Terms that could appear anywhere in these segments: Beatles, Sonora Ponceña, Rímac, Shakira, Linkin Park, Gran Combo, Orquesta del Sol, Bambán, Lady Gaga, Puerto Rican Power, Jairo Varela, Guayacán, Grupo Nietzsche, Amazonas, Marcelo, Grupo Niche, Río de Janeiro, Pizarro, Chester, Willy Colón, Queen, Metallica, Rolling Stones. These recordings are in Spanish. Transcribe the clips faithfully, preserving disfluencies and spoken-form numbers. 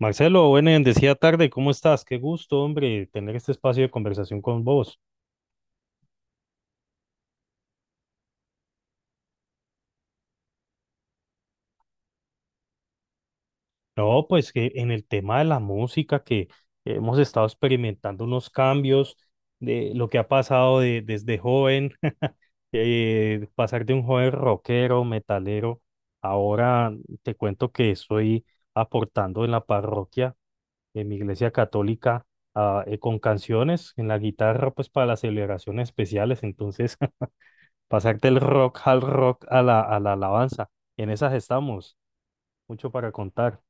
Marcelo, buena y bendecida tarde, ¿cómo estás? Qué gusto, hombre, tener este espacio de conversación con vos. No, pues que en el tema de la música, que hemos estado experimentando unos cambios de lo que ha pasado de- desde joven. Eh, pasar de un joven rockero, metalero, ahora te cuento que estoy aportando en la parroquia, en mi iglesia católica. Ah, eh, con canciones en la guitarra, pues para las celebraciones especiales, entonces pasar del rock al rock a la, a la alabanza. En esas estamos, mucho para contar.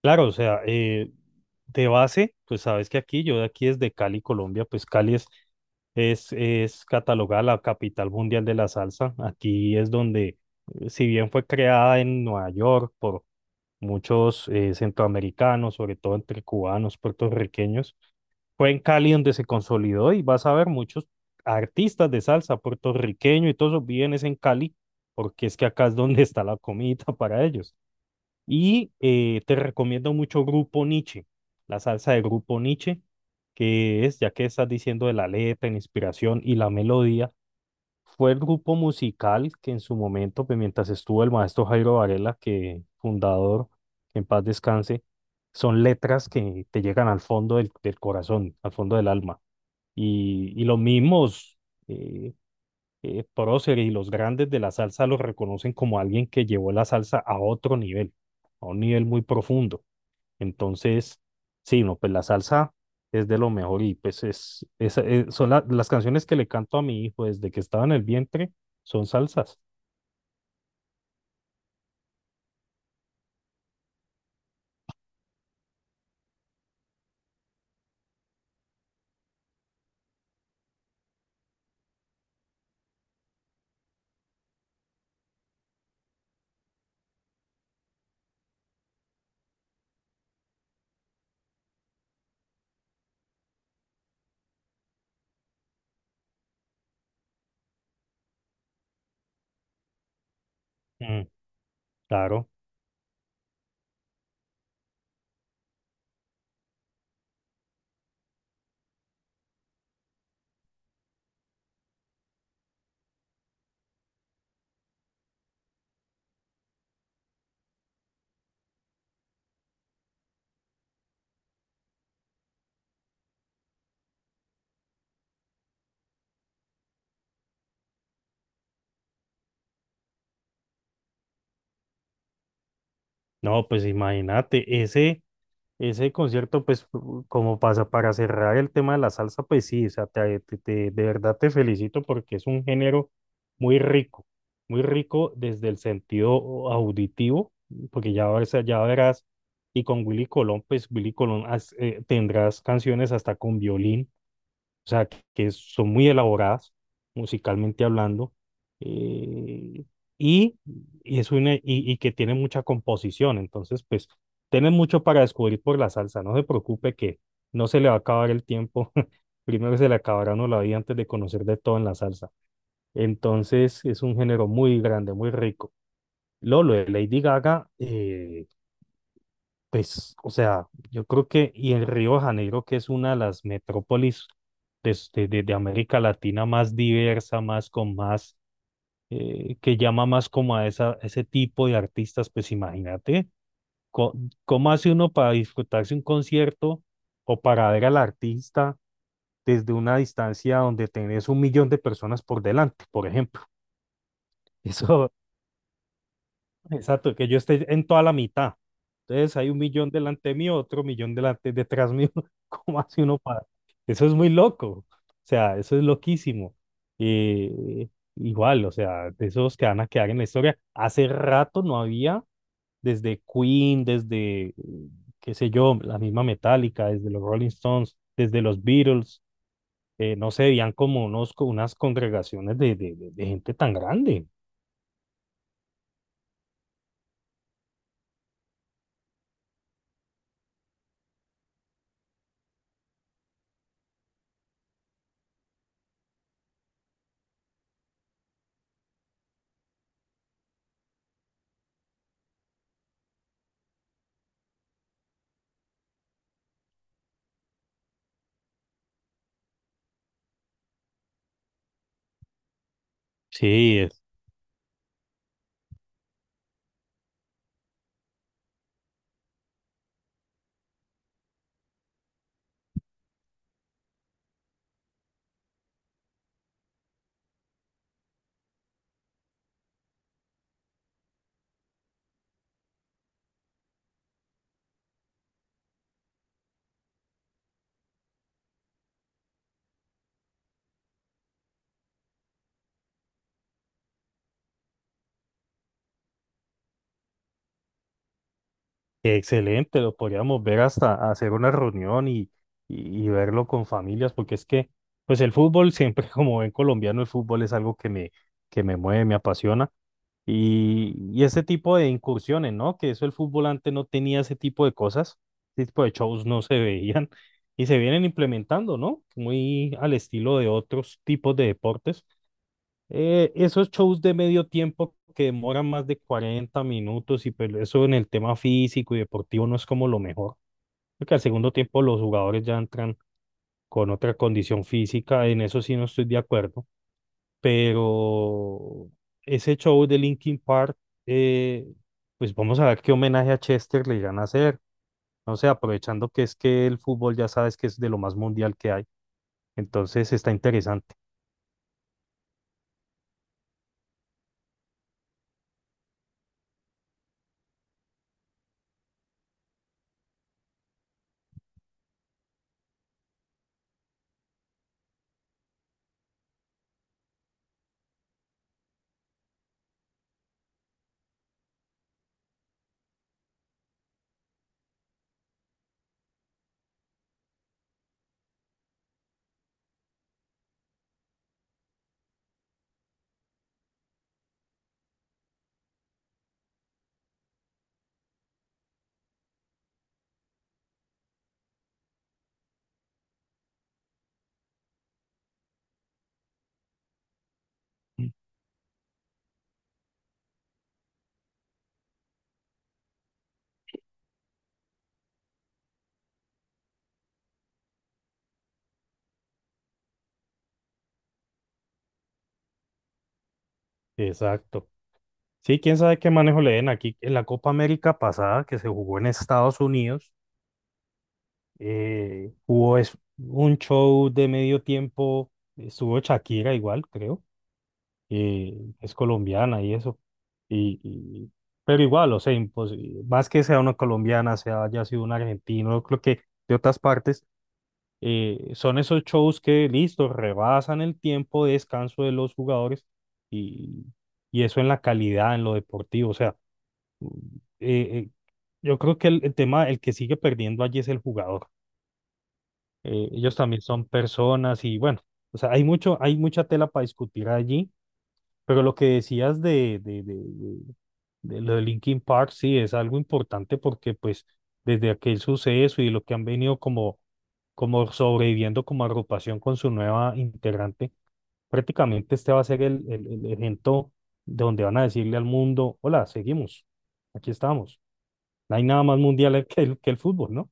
Claro, o sea, eh, de base, pues sabes que aquí, yo de aquí desde Cali, Colombia, pues Cali es, es, es catalogada la capital mundial de la salsa. Aquí es donde, eh, si bien fue creada en Nueva York por muchos eh, centroamericanos, sobre todo entre cubanos, puertorriqueños, fue en Cali donde se consolidó, y vas a ver muchos artistas de salsa puertorriqueño, y todos esos viven es en Cali, porque es que acá es donde está la comida para ellos. Y eh, te recomiendo mucho Grupo Nietzsche, la salsa de Grupo Nietzsche, que es, ya que estás diciendo de la letra, la inspiración y la melodía, fue el grupo musical que en su momento, pues, mientras estuvo el maestro Jairo Varela, que fundador, que en paz descanse, son letras que te llegan al fondo del, del corazón, al fondo del alma. Y, y los mismos eh, eh, próceres y los grandes de la salsa los reconocen como alguien que llevó la salsa a otro nivel, a un nivel muy profundo. Entonces, sí, no, pues la salsa es de lo mejor, y pues es, es- es- son la- las canciones que le canto a mi hijo desde que estaba en el vientre son salsas. Mm, claro. No, pues imagínate, ese... ese concierto, pues, fu- como pasa para cerrar el tema de la salsa, pues sí, o sea, te- te- te- de verdad te felicito porque es un género muy rico, muy rico desde el sentido auditivo, porque ya, vas a- ya verás, y con Willy Colón, pues Willy Colón has- eh, tendrás canciones hasta con violín, o sea, que, que son muy elaboradas musicalmente hablando. eh, y, y es una, y, y que tiene mucha composición, entonces, pues, tiene mucho para descubrir por la salsa, no se preocupe, que no se le va a acabar el tiempo. Primero se le acabará a uno la vida antes de conocer de todo en la salsa, entonces es un género muy grande, muy rico. Lolo de Lady Gaga, eh, pues, o sea, yo creo que, y en Río de Janeiro, que es una de las metrópolis des- de, este- de- de América Latina más diversa, más con más, eh, que llama más como a esa, ese tipo de artistas, pues imagínate, co- ¿cómo hace uno para disfrutarse un concierto o para ver al artista desde una distancia donde tenés un millón de personas por delante, por ejemplo? Eso, Exacto, que yo esté en toda la mitad. Entonces hay un millón delante mío, otro millón delante, detrás mío. ¿Cómo hace uno para? Eso es muy loco. O sea, eso es loquísimo. Eh, Igual, o sea, de esos que van a quedar en la historia. Hace rato no había, desde Queen, desde, eh, qué sé yo, la misma Metallica, desde los Rolling Stones, desde los Beatles, eh, no se veían como unos, co- unas congregaciones de, de, de de gente tan grande. Sí. Excelente, lo podríamos ver hasta hacer una reunión, y, y, y verlo con familias, porque es que, pues el fútbol siempre, como buen colombiano, el fútbol es algo que me, que me mueve, me apasiona. Y, y ese tipo de incursiones, ¿no? Que eso el fútbol antes no tenía ese tipo de cosas, ese tipo de shows no se veían y se vienen implementando, ¿no? Muy al estilo de otros tipos de deportes. Eh, esos shows de medio tiempo que demoran más de cuarenta minutos, y pues eso en el tema físico y deportivo no es como lo mejor, porque al segundo tiempo los jugadores ya entran con otra condición física. En eso sí no estoy de acuerdo, pero ese show de Linkin Park, eh, pues vamos a ver qué homenaje a Chester le irán a hacer, no sé, aprovechando que es que el fútbol ya sabes que es de lo más mundial que hay, entonces está interesante. Exacto. Sí, quién sabe qué manejo le den aquí. En la Copa América pasada que se jugó en Estados Unidos, eh, hubo es- un show de medio tiempo, estuvo Shakira igual, creo, eh, es colombiana y eso. Y, y- pero igual, o sea, impos- más que sea una colombiana, sea haya sido un argentino, creo que de otras partes, eh, son esos shows que, listo, rebasan el tiempo de descanso de los jugadores, y, y eso en la calidad, en lo deportivo, o sea, eh, eh, yo creo que el, el tema, el que sigue perdiendo allí es el jugador. Eh, ellos también son personas y bueno, o sea, hay mucho, hay mucha tela para discutir allí, pero lo que decías de, de, de, de- de lo de Linkin Park, sí, es algo importante, porque pues desde aquel suceso y lo que han venido como, como sobreviviendo como agrupación con su nueva integrante, prácticamente este va a ser el, el, el evento donde van a decirle al mundo, hola, seguimos, aquí estamos. No hay nada más mundial que el, que el fútbol, ¿no?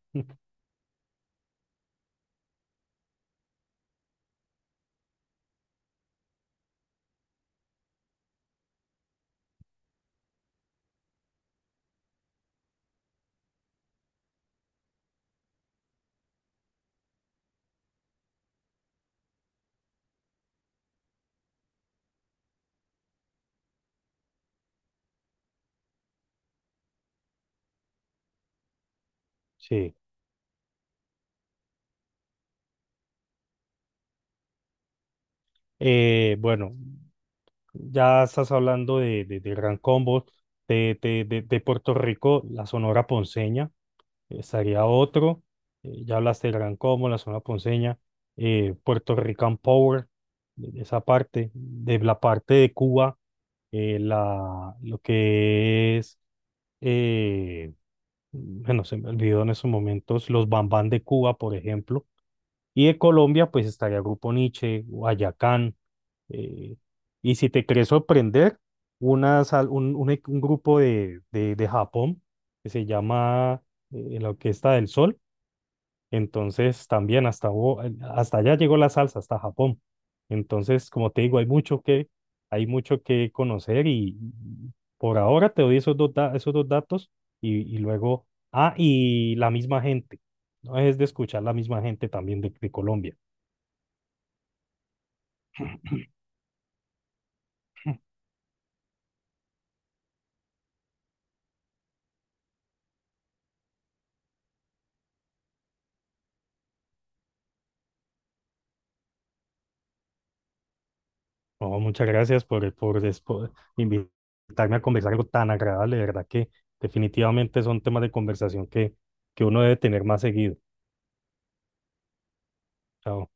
Sí. Eh, bueno, ya estás hablando de, de, de Gran Combo, de, de, de, de Puerto Rico, la Sonora Ponceña, estaría otro. Eh, ya hablaste de Gran Combo, la Sonora Ponceña, eh, Puerto Rican Power, de esa parte, de la parte de Cuba, eh, la, lo que es, eh, bueno, se me olvidó en esos momentos, los Bambán de Cuba, por ejemplo. Y de Colombia, pues estaría Grupo Niche, Guayacán, eh, y si te querés sorprender, una sal- un, un e- un grupo de, de, de Japón que se llama eh, la Orquesta del Sol. Entonces, también hasta, hubo- eh, hasta allá llegó la salsa, hasta Japón. Entonces, como te digo, hay mucho que, hay mucho que conocer, y y por ahora te doy esos dos, da- esos dos datos, y, y luego, ah, y la misma gente. No es de escuchar la misma gente también de de Colombia. Oh, muchas gracias por, por, des- por invitarme a conversar algo tan agradable. De verdad que definitivamente son temas de conversación que, que uno debe tener más seguido. Chao.